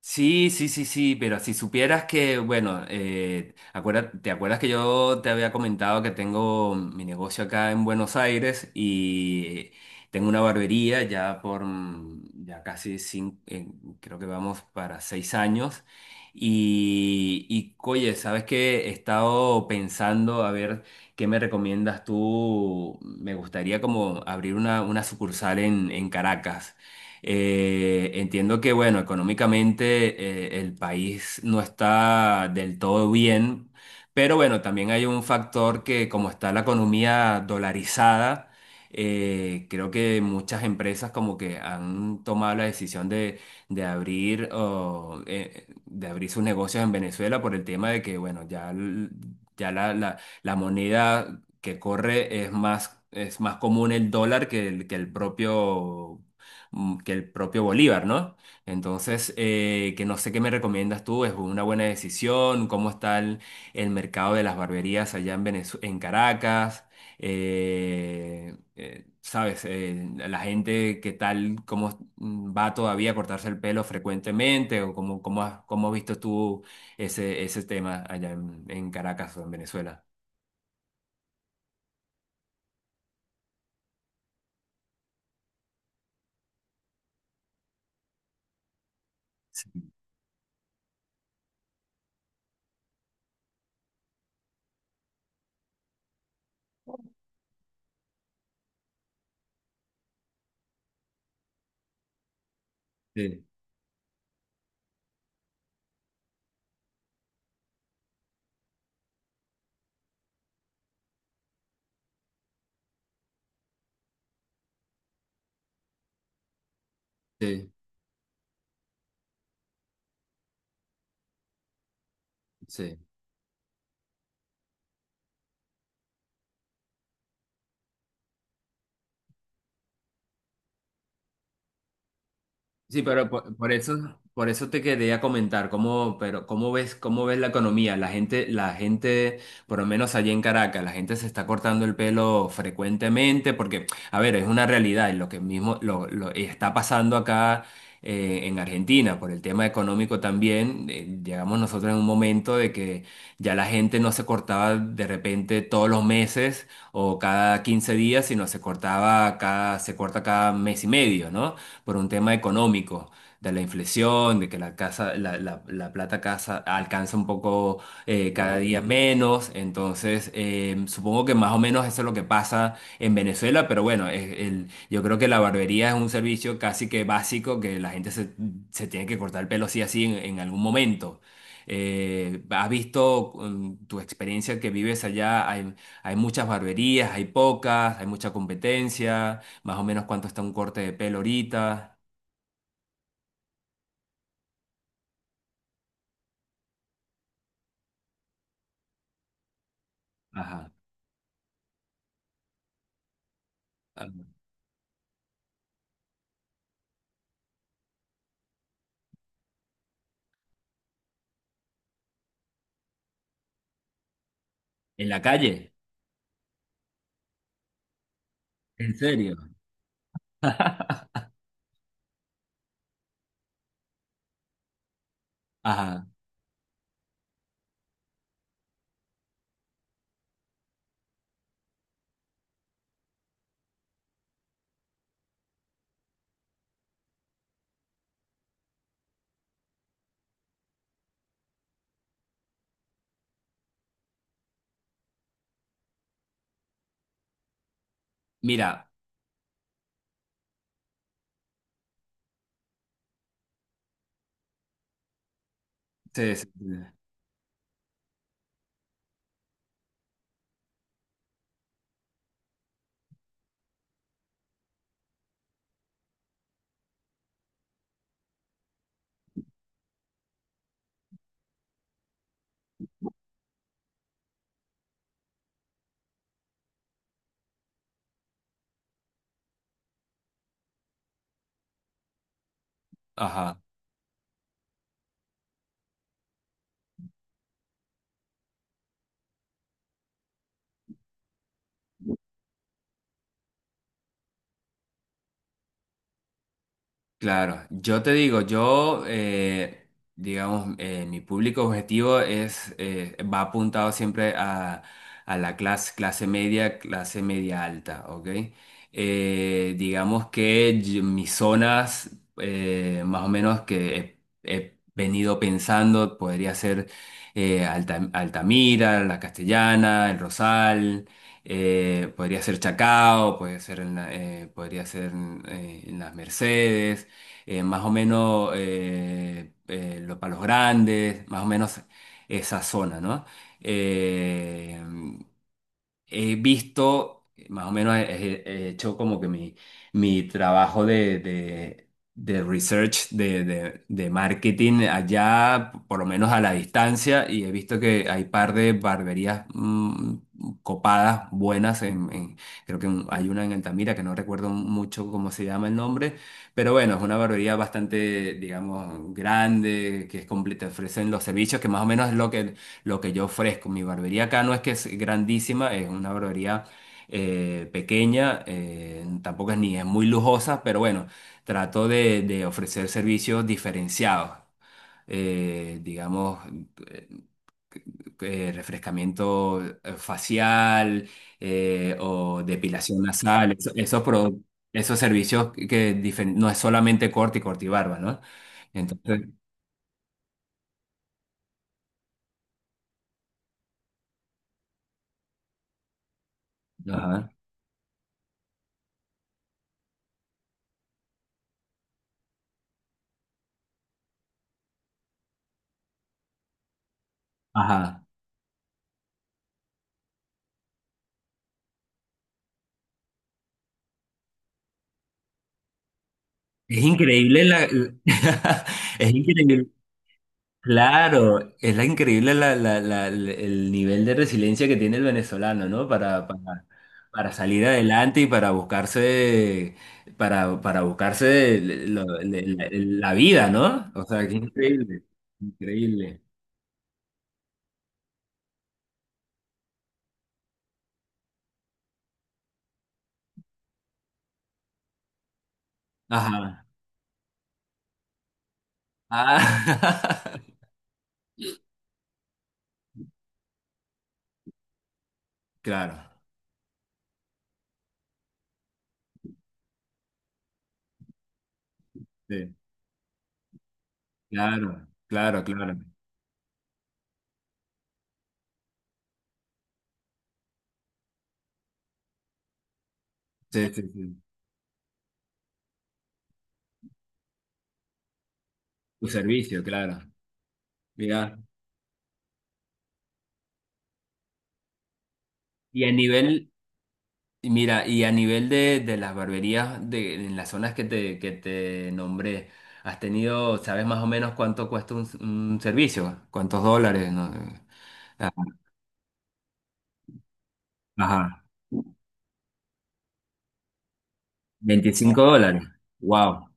Sí, sí, sí, sí, pero si supieras que, bueno, ¿te acuerdas que yo te había comentado que tengo mi negocio acá en Buenos Aires y tengo una barbería ya por, ya casi 5, creo que vamos para 6 años. Y oye, ¿sabes qué? He estado pensando a ver qué me recomiendas tú, me gustaría como abrir una sucursal en Caracas. Entiendo que, bueno, económicamente el país no está del todo bien, pero bueno, también hay un factor que como está la economía dolarizada. Creo que muchas empresas como que han tomado la decisión de abrir o, de abrir sus negocios en Venezuela por el tema de que, bueno, ya, ya la moneda que corre es más común el dólar que el propio que el propio Bolívar, ¿no? Entonces, que no sé qué me recomiendas tú, es una buena decisión, cómo está el mercado de las barberías allá en en Caracas. ¿Sabes? La gente, ¿qué tal, cómo va todavía a cortarse el pelo frecuentemente o cómo, cómo has visto tú ese, ese tema en Caracas o en Venezuela? Sí, sí, sí. Sí, pero por eso te quería comentar, cómo, pero cómo ves la economía, la gente, por lo menos allí en Caracas, la gente se está cortando el pelo frecuentemente, porque, a ver, es una realidad, y lo que mismo lo está pasando acá en Argentina, por el tema económico también. Llegamos nosotros en un momento de que ya la gente no se cortaba de repente todos los meses o cada 15 días, sino se cortaba cada, se corta cada mes y medio, ¿no? Por un tema económico, de la inflexión, de que la casa, la, la plata casa alcanza un poco cada día menos. Entonces, supongo que más o menos eso es lo que pasa en Venezuela, pero bueno, yo creo que la barbería es un servicio casi que básico que la gente se, se tiene que cortar el pelo sí así en algún momento. ¿Has visto tu experiencia que vives allá? ¿Hay, hay muchas barberías, hay pocas, hay mucha competencia? Más o menos cuánto está un corte de pelo ahorita. Ajá. Ajá. ¿En la calle? ¿En serio? Ajá. Mira. Sí, sí, sí. Ajá. Claro, yo te digo, yo, digamos, mi público objetivo es, va apuntado siempre a la clase, clase media alta, ¿ok? Digamos que mis zonas, más o menos que he, he venido pensando, podría ser Altamira, La Castellana, El Rosal. Podría ser Chacao, puede ser en podría ser en Las Mercedes, más o menos para Los Grandes, más o menos esa zona, ¿no? Eh, He visto, más o menos he, he hecho como que mi trabajo de research, de marketing allá, por lo menos a la distancia, y he visto que hay par de barberías copadas, buenas, creo que hay una en Altamira que no recuerdo mucho cómo se llama el nombre, pero bueno, es una barbería bastante, digamos, grande, que es completa, ofrecen los servicios, que más o menos es lo que yo ofrezco. Mi barbería acá no es que es grandísima, es una barbería pequeña, tampoco es ni es muy lujosa, pero bueno, trato de ofrecer servicios diferenciados, digamos, eh, refrescamiento facial o depilación nasal, esos, esos servicios que no es solamente corte y corte y barba, ¿no? Entonces, ajá, ajá. Es increíble la... es increíble, claro, es la increíble la, el nivel de resiliencia que tiene el venezolano, ¿no? Para salir adelante y para buscarse la, la vida, ¿no? O sea, que increíble, increíble. Ajá. Ah, claro, sí, claro, claro, claro. Sí, sí, sí. Tu servicio, claro. Mira. Y a nivel, Y mira, y a nivel de las barberías de, en las zonas que te nombré, ¿has tenido, sabes más o menos cuánto cuesta un servicio? ¿Cuántos dólares? No sé. Ah, ajá, $25. Wow.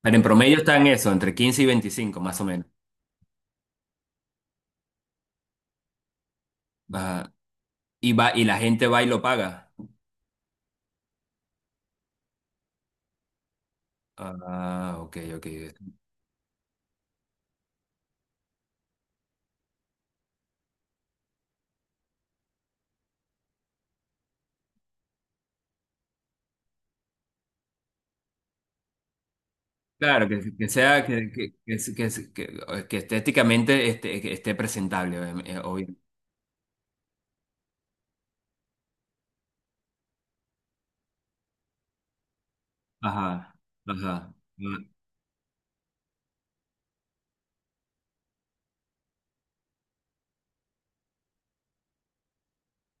Pero en promedio está en eso, entre 15 y 25 más o menos. Ajá. Y va, y la gente va y lo paga. Ah, ok, ok. Claro, que sea, que, que estéticamente esté, que esté presentable, obvio. Ajá, ajá.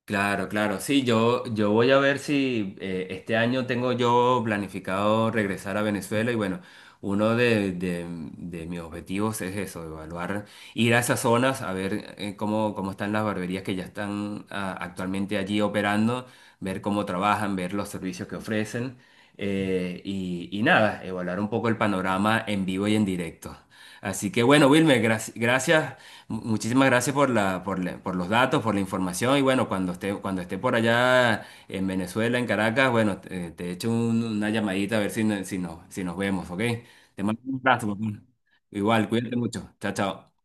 Claro, claro. Sí, yo voy a ver si este año tengo yo planificado regresar a Venezuela y bueno, uno de, de mis objetivos es eso, evaluar, ir a esas zonas, a ver cómo, cómo están las barberías que ya están ah, actualmente allí operando, ver cómo trabajan, ver los servicios que ofrecen, y nada, evaluar un poco el panorama en vivo y en directo. Así que bueno, Wilmer, gracias. Muchísimas gracias por la, por los datos, por la información y bueno, cuando esté por allá en Venezuela, en Caracas, bueno, te echo una llamadita a ver si, si, si nos vemos, ¿ok? Te mando un abrazo, papá. Igual, cuídate mucho. Chao, chao.